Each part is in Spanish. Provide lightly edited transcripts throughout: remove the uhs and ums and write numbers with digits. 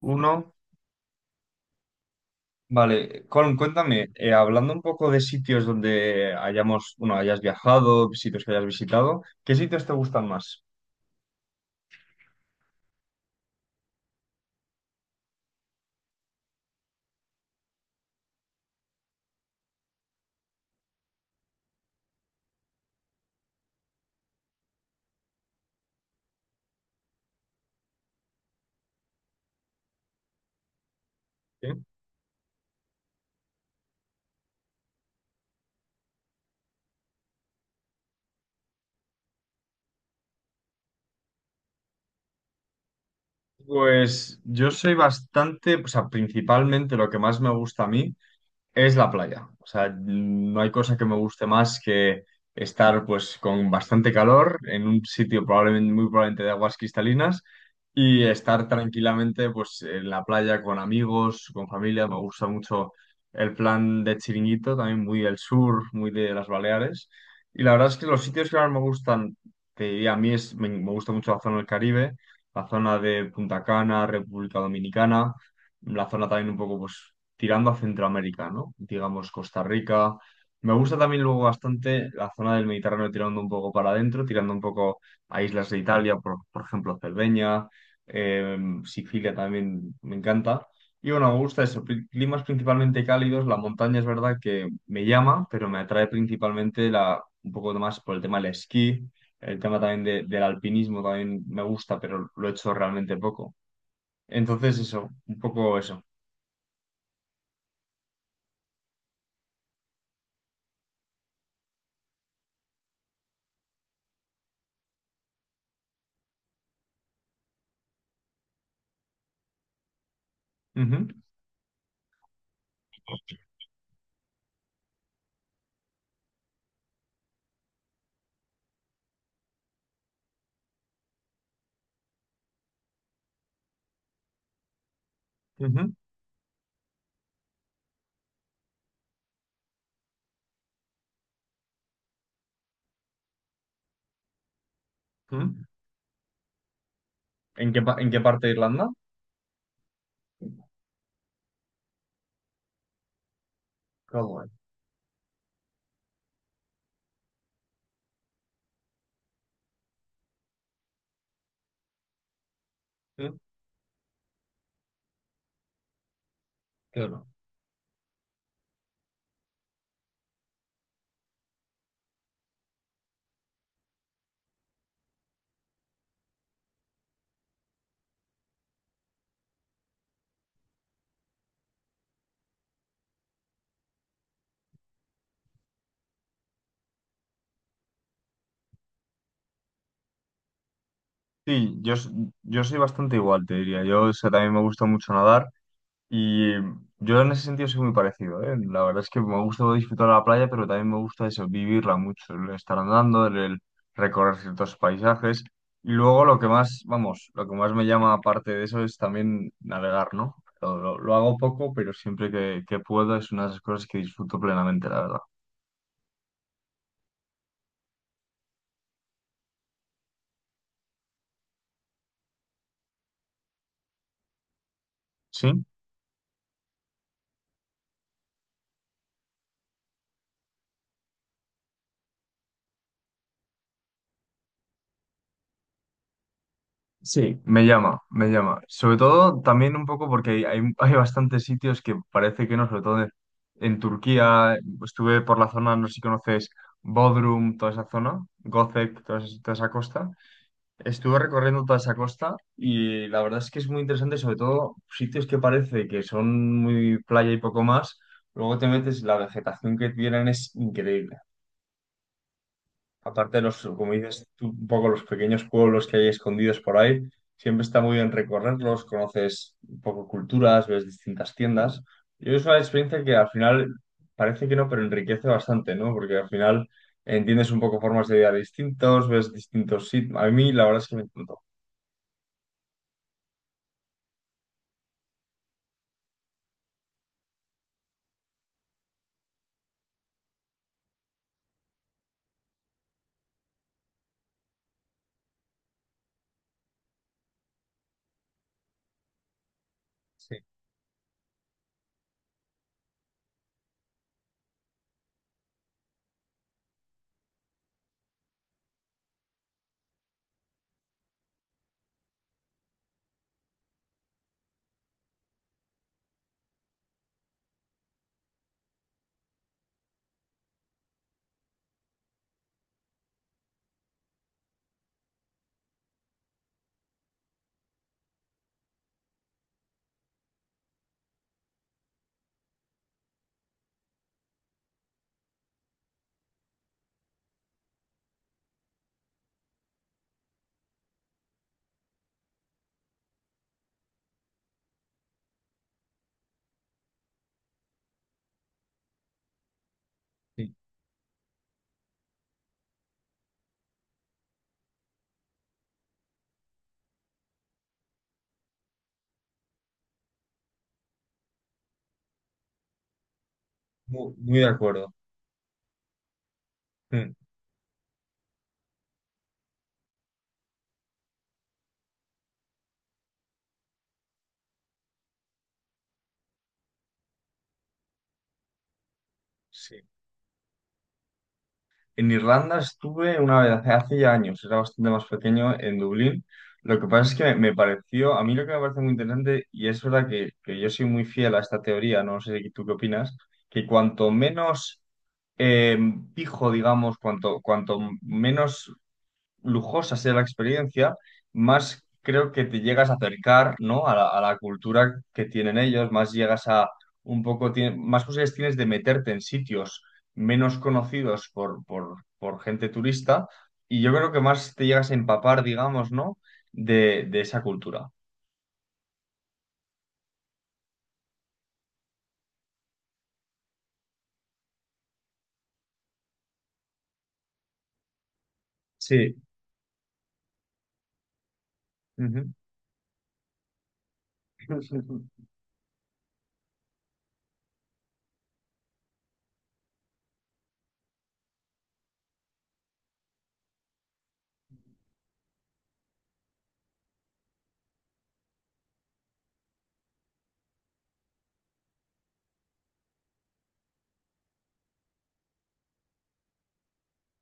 Uno, vale, Colm, cuéntame, hablando un poco de sitios donde hayamos, bueno, hayas viajado, sitios que hayas visitado, ¿qué sitios te gustan más? ¿Sí? Pues yo soy bastante, o sea, principalmente lo que más me gusta a mí. Es la playa. O sea, no hay cosa que me guste más que estar pues con bastante calor en un sitio probablemente muy probablemente de aguas cristalinas y estar tranquilamente pues en la playa con amigos, con familia. Me gusta mucho el plan de Chiringuito, también muy del sur, muy de las Baleares. Y la verdad es que los sitios que más me gustan, te diría, a mí es, me gusta mucho la zona del Caribe, la zona de Punta Cana, República Dominicana, la zona también un poco pues tirando a Centroamérica, ¿no? Digamos Costa Rica. Me gusta también luego bastante la zona del Mediterráneo tirando un poco para adentro, tirando un poco a islas de Italia, por ejemplo, Cerdeña, eh, Sicilia también me encanta. Y bueno, me gusta eso, climas principalmente cálidos, la montaña es verdad que me llama, pero me atrae principalmente la, un poco más por el tema del esquí, el tema también del alpinismo también me gusta, pero lo he hecho realmente poco. Entonces eso, un poco eso. Ujú, ujú. ¿Mm? ¿En qué, en qué parte de Irlanda? Galway. ¿Mm? Claro. Sí, yo, yo soy bastante igual, te diría. Yo o sea, también me gusta mucho nadar y yo en ese sentido soy muy parecido, ¿eh? La verdad es que me gusta disfrutar la playa, pero también me gusta eso, vivirla mucho, el estar andando, el recorrer ciertos paisajes. Y luego lo que más, vamos, lo que más me llama aparte de eso es también navegar, ¿no? Lo, lo hago poco, pero siempre que puedo es una de las cosas que disfruto plenamente, la verdad. ¿Sí? Sí, me llama, me llama. Sobre todo también un poco porque hay bastantes sitios que parece que no, sobre todo en Turquía, estuve por la zona, no sé si conoces Bodrum, toda esa zona, Göcek, toda esa costa. Estuve recorriendo toda esa costa y la verdad es que es muy interesante, sobre todo sitios que parece que son muy playa y poco más, luego te metes, y la vegetación que tienen es increíble. Aparte, los, como dices tú, un poco los pequeños pueblos que hay escondidos por ahí, siempre está muy bien recorrerlos, conoces un poco culturas, ves distintas tiendas. Y es una experiencia que al final parece que no, pero enriquece bastante, ¿no? Porque al final entiendes un poco formas de vida distintos, ves distintos sitios. A mí la verdad es que me encantó. Sí, sí, muy, muy de acuerdo. Mm, sí. En Irlanda estuve una vez hace, hace ya años, era bastante más pequeño, en Dublín. Lo que pasa es que me pareció, a mí lo que me parece muy interesante, y es verdad que yo soy muy fiel a esta teoría, no sé tú qué opinas, que cuanto menos eh, fijo, digamos, cuanto, cuanto menos lujosa sea la experiencia, más creo que te llegas a acercar, ¿no?, a la cultura que tienen ellos, más llegas a un poco, más posibilidades tienes de meterte en sitios menos conocidos por gente turista y yo creo que más te llegas a empapar, digamos, ¿no? De esa cultura. Sí. Ujú.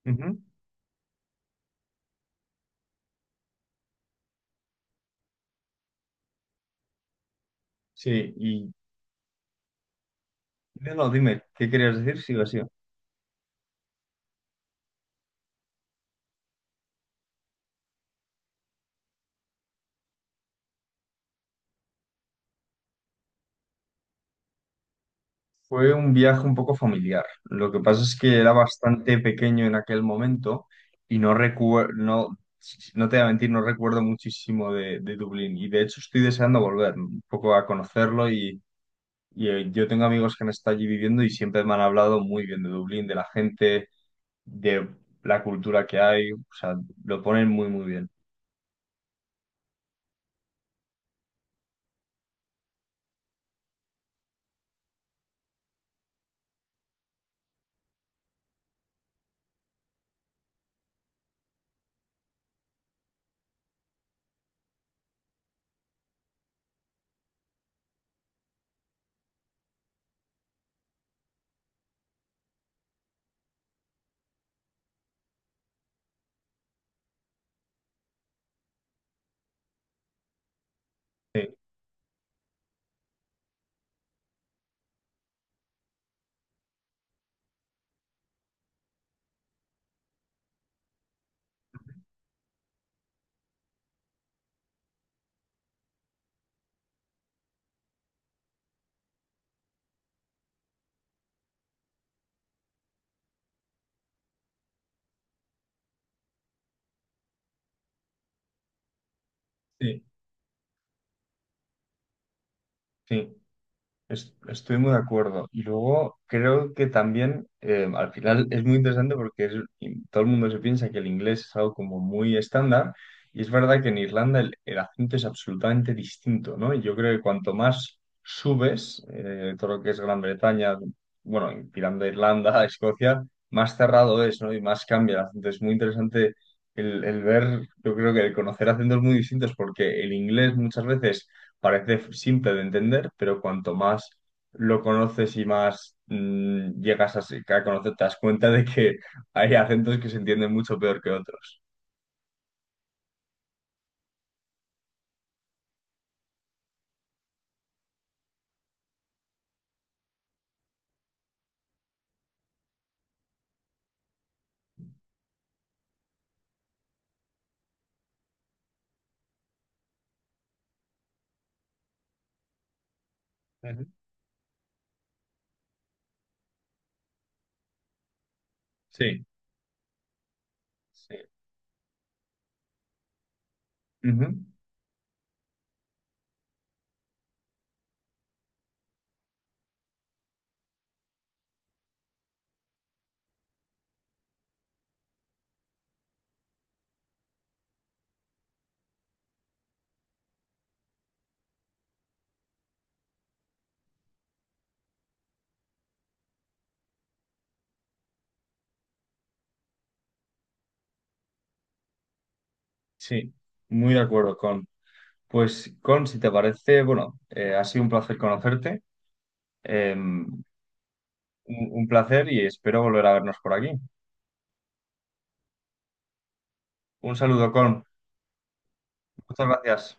Ujú. Sí, y no, no, dime, ¿qué querías decir? Sigo así. Fue un viaje un poco familiar. Lo que pasa es que era bastante pequeño en aquel momento y no recuerdo, no, no te voy a mentir, no recuerdo muchísimo de Dublín. Y de hecho estoy deseando volver un poco a conocerlo y, yo tengo amigos que han estado allí viviendo y siempre me han hablado muy bien de Dublín, de la gente, de la cultura que hay. O sea, lo ponen muy, muy bien. Sí, sí. Sí. Estoy muy de acuerdo. Y luego creo que también al final es muy interesante porque y todo el mundo se piensa que el inglés es algo como muy estándar y es verdad que en Irlanda el acento es absolutamente distinto, ¿no? Y yo creo que cuanto más subes, todo lo que es Gran Bretaña, bueno, tirando a Irlanda, a Escocia, más cerrado es, ¿no? Y más cambia el acento. Es muy interesante el ver, yo creo que el conocer acentos muy distintos porque el inglés muchas veces parece simple de entender, pero cuanto más lo conoces y más llegas a, a conocer, te das cuenta de que hay acentos que se entienden mucho peor que otros. Ujú. Sí, sí. Ujú, sí, muy de acuerdo con. Pues, Con, si te parece, bueno, ha sido un placer conocerte, em, un placer y espero volver a vernos por aquí. Un saludo, Con. Muchas gracias.